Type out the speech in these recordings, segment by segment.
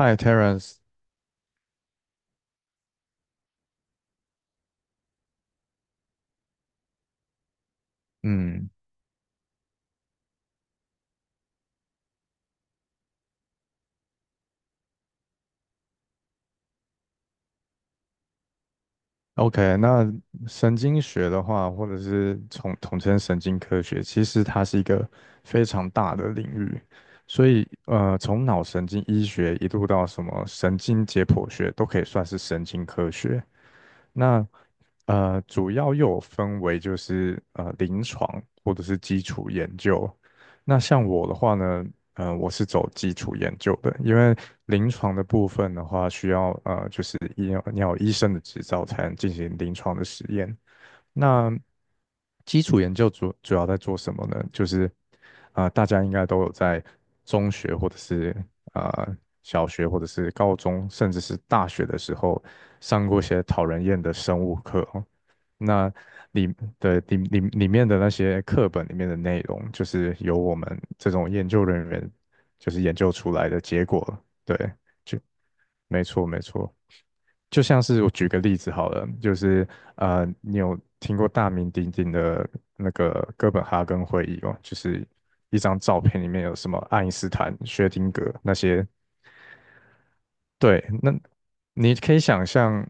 Hi Terence 嗯，OK，那神经学的话，或者是统称神经科学，其实它是一个非常大的领域，所以从脑神经医学一路到什么神经解剖学，都可以算是神经科学。那主要又有分为就是临床或者是基础研究。那像我的话呢，我是走基础研究的，因为临床的部分的话，需要就是要你要有医生的执照才能进行临床的实验。那基础研究主要在做什么呢？就是大家应该都有在中学或者是啊小学或者是高中，甚至是大学的时候上过一些讨人厌的生物课哦。那里里面的那些课本里面的内容，就是由我们这种研究人员就是研究出来的结果了对，就没错没错。就像是我举个例子好了，就是你有听过大名鼎鼎的那个哥本哈根会议吗？就是一张照片里面有什么爱因斯坦、薛定谔那些对，那你可以想象，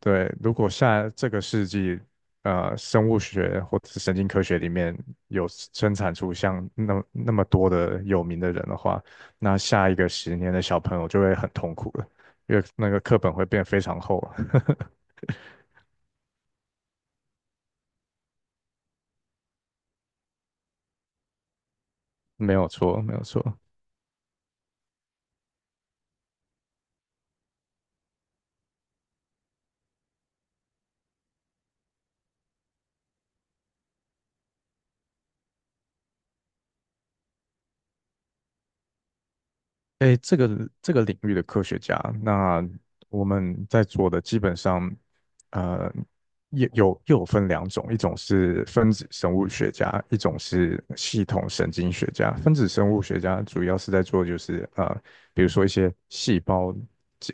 对，如果下这个世纪，生物学或者是神经科学里面有生产出像那么多的有名的人的话，那下一个十年的小朋友就会很痛苦了，因为那个课本会变非常厚。没有错，没有错。诶，这个领域的科学家，那我们在做的基本上，呃，又有分两种，一种是分子生物学家，一种是系统神经学家。分子生物学家主要是在做就是比如说一些细胞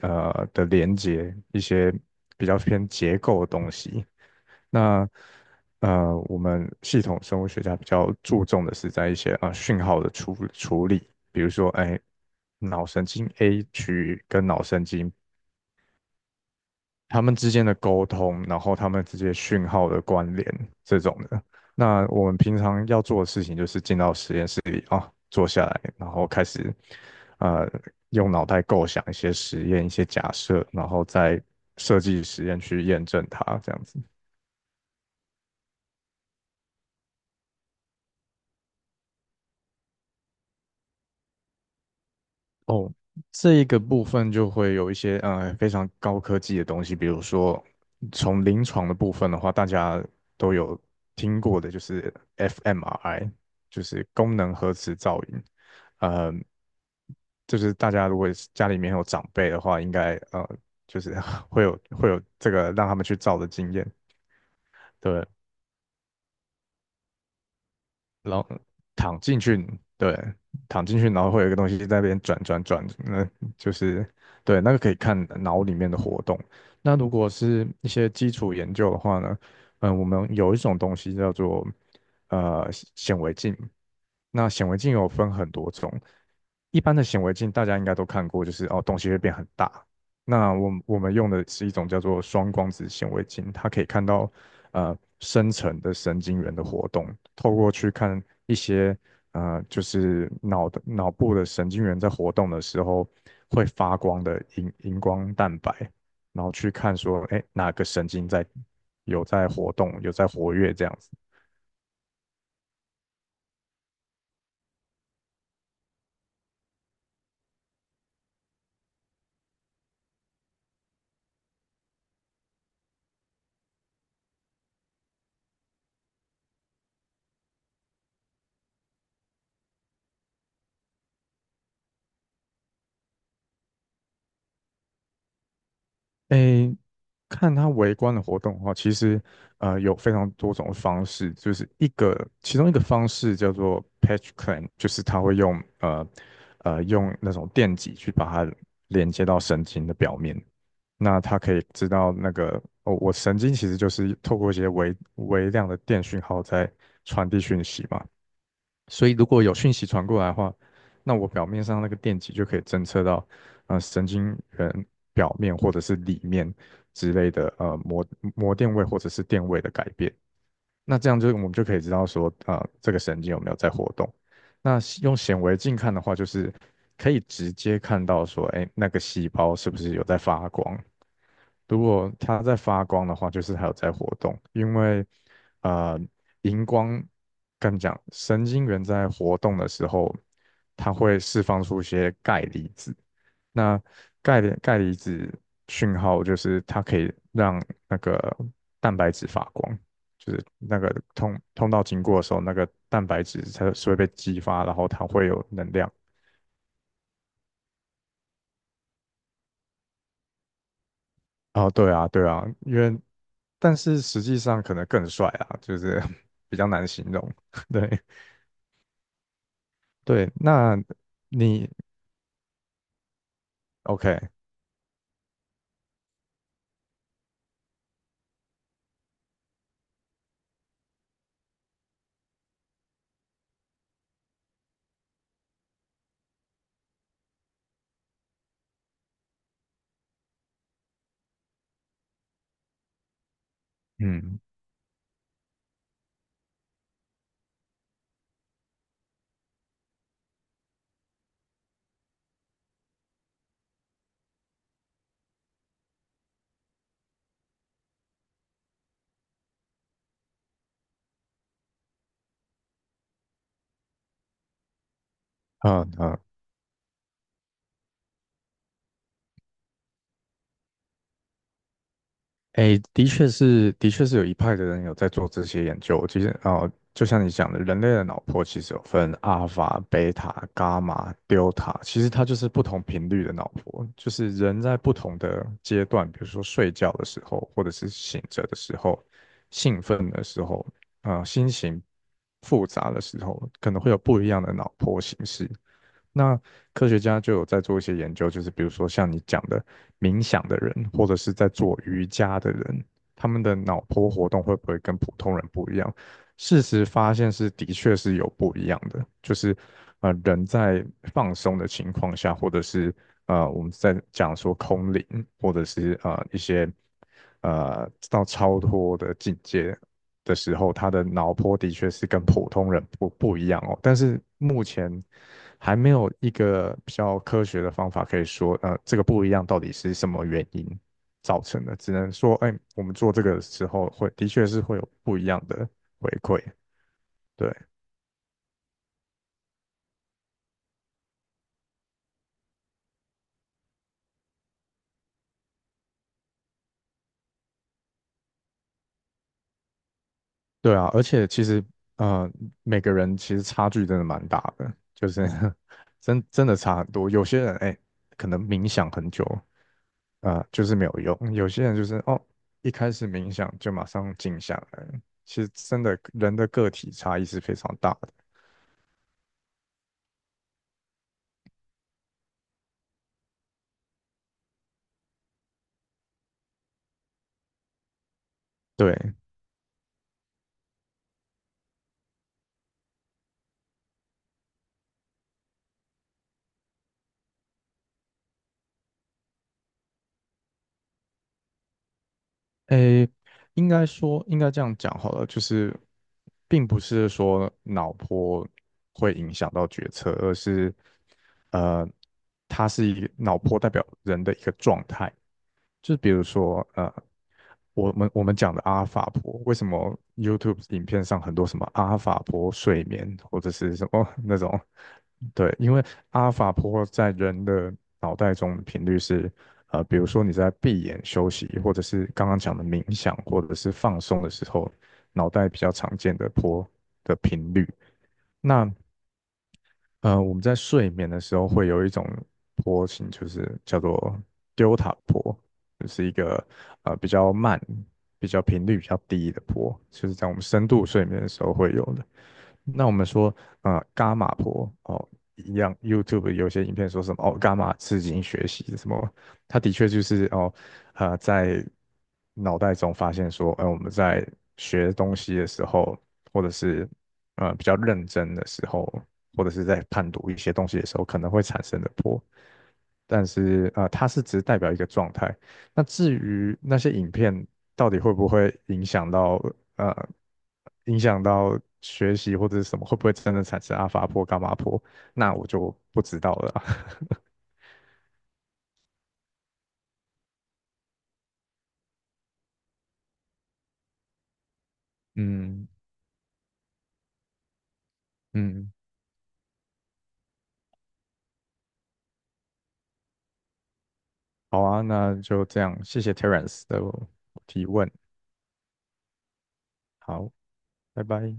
的连接，一些比较偏结构的东西。那我们系统生物学家比较注重的是在一些讯号的处理，比如说，哎，脑神经 A 区域跟脑神经它们之间的沟通，然后它们之间讯号的关联这种的。那我们平常要做的事情就是进到实验室里啊、坐下来，然后开始呃用脑袋构想一些实验、一些假设，然后再设计实验去验证它，这样子。哦，这一个部分就会有一些非常高科技的东西，比如说从临床的部分的话，大家都有听过的，就是 fMRI，就是功能核磁造影。呃，就是大家如果是家里面有长辈的话，应该就是 会有这个让他们去照的经验。对，然后躺进去，对，躺进去，然后会有一个东西在那边转转转，那就是对，那个可以看脑里面的活动。那如果是一些基础研究的话呢，嗯，我们有一种东西叫做呃显微镜，那显微镜有分很多种，一般的显微镜大家应该都看过，就是哦东西会变很大，那我们用的是一种叫做双光子显微镜，它可以看到深层的神经元的活动，透过去看一些就是脑部的神经元在活动的时候会发光的荧光蛋白，然后去看说哎哪个神经在有在活动，有在活跃这样子。诶，看他围观的活动的话，其实有非常多种方式，就是一个其中一个方式叫做 patch clamp，就是他会用那种电极去把它连接到神经的表面，那他可以知道那个哦，我神经其实就是透过一些微量的电讯号在传递讯息嘛，所以如果有讯息传过来的话，那我表面上那个电极就可以侦测到，神经元表面或者是里面之类的，膜电位或者是电位的改变。那这样就我们就可以知道说，这个神经有没有在活动。那用显微镜看的话，就是可以直接看到说，哎，那个细胞是不是有在发光？如果它在发光的话，就是它有在活动，因为呃，荧光跟你讲，神经元在活动的时候，它会释放出一些钙离子。那钙离子讯号就是它可以让那个蛋白质发光，就是那个通道经过的时候，那个蛋白质它是会被激发，然后它会有能量。哦，对啊，对啊，但是实际上可能更帅啊，就是 比较难形容。对对，那你 OK？嗯嗯嗯，哎，的确是，的确是有一派的人有在做这些研究。其实，哦，就像你讲的，人类的脑波其实有分阿尔法、贝塔、伽马、delta，其实它就是不同频率的脑波，就是人在不同的阶段，比如说睡觉的时候，或者是醒着的时候，兴奋的时候，心情复杂的时候，可能会有不一样的脑波形式。那科学家就有在做一些研究，就是比如说像你讲的冥想的人，或者是在做瑜伽的人，他们的脑波活动会不会跟普通人不一样？事实发现是的确是有不一样的，就是人在放松的情况下，或者是我们在讲说空灵，或者是一些到超脱的境界，的时候，他的脑波的确是跟普通人不一样哦。但是目前还没有一个比较科学的方法可以说，这个不一样到底是什么原因造成的，只能说，哎，我们做这个的时候会的确是会有不一样的回馈。对，对啊，而且其实，呃，每个人其实差距真的蛮大的，就是 真的差很多。有些人，哎，可能冥想很久，就是没有用。有些人就是哦，一开始冥想就马上静下来了其实真的人的个体差异是非常大的。对，诶，应该这样讲好了，就是并不是说脑波会影响到决策，而是呃，它是一个脑波代表人的一个状态。就是比如说，我们讲的阿尔法波，为什么 YouTube 影片上很多什么阿尔法波睡眠或者是什么 那种？对，因为阿尔法波在人的脑袋中的频率是，比如说你在闭眼休息，或者是刚刚讲的冥想，或者是放松的时候，脑袋比较常见的波的频率。那我们在睡眠的时候会有一种坡形，就是叫做丢塔坡，就是一个比较慢、比较频率比较低的坡，就是在我们深度睡眠的时候会有的。那我们说，伽马波哦，一样，YouTube 有些影片说什么哦，伽马刺激学习什么，它的确就是哦，在脑袋中发现说，哎，我们在学东西的时候，或者是比较认真的时候，或者是在判读一些东西的时候，可能会产生的波。但是它是只代表一个状态。那至于那些影片到底会不会呃影响到学习或者是什么，会不会真的产生阿法波、伽马波？那我就不知道了啊 嗯嗯，好啊，那就这样，谢谢 Terence 的提问，好，拜拜。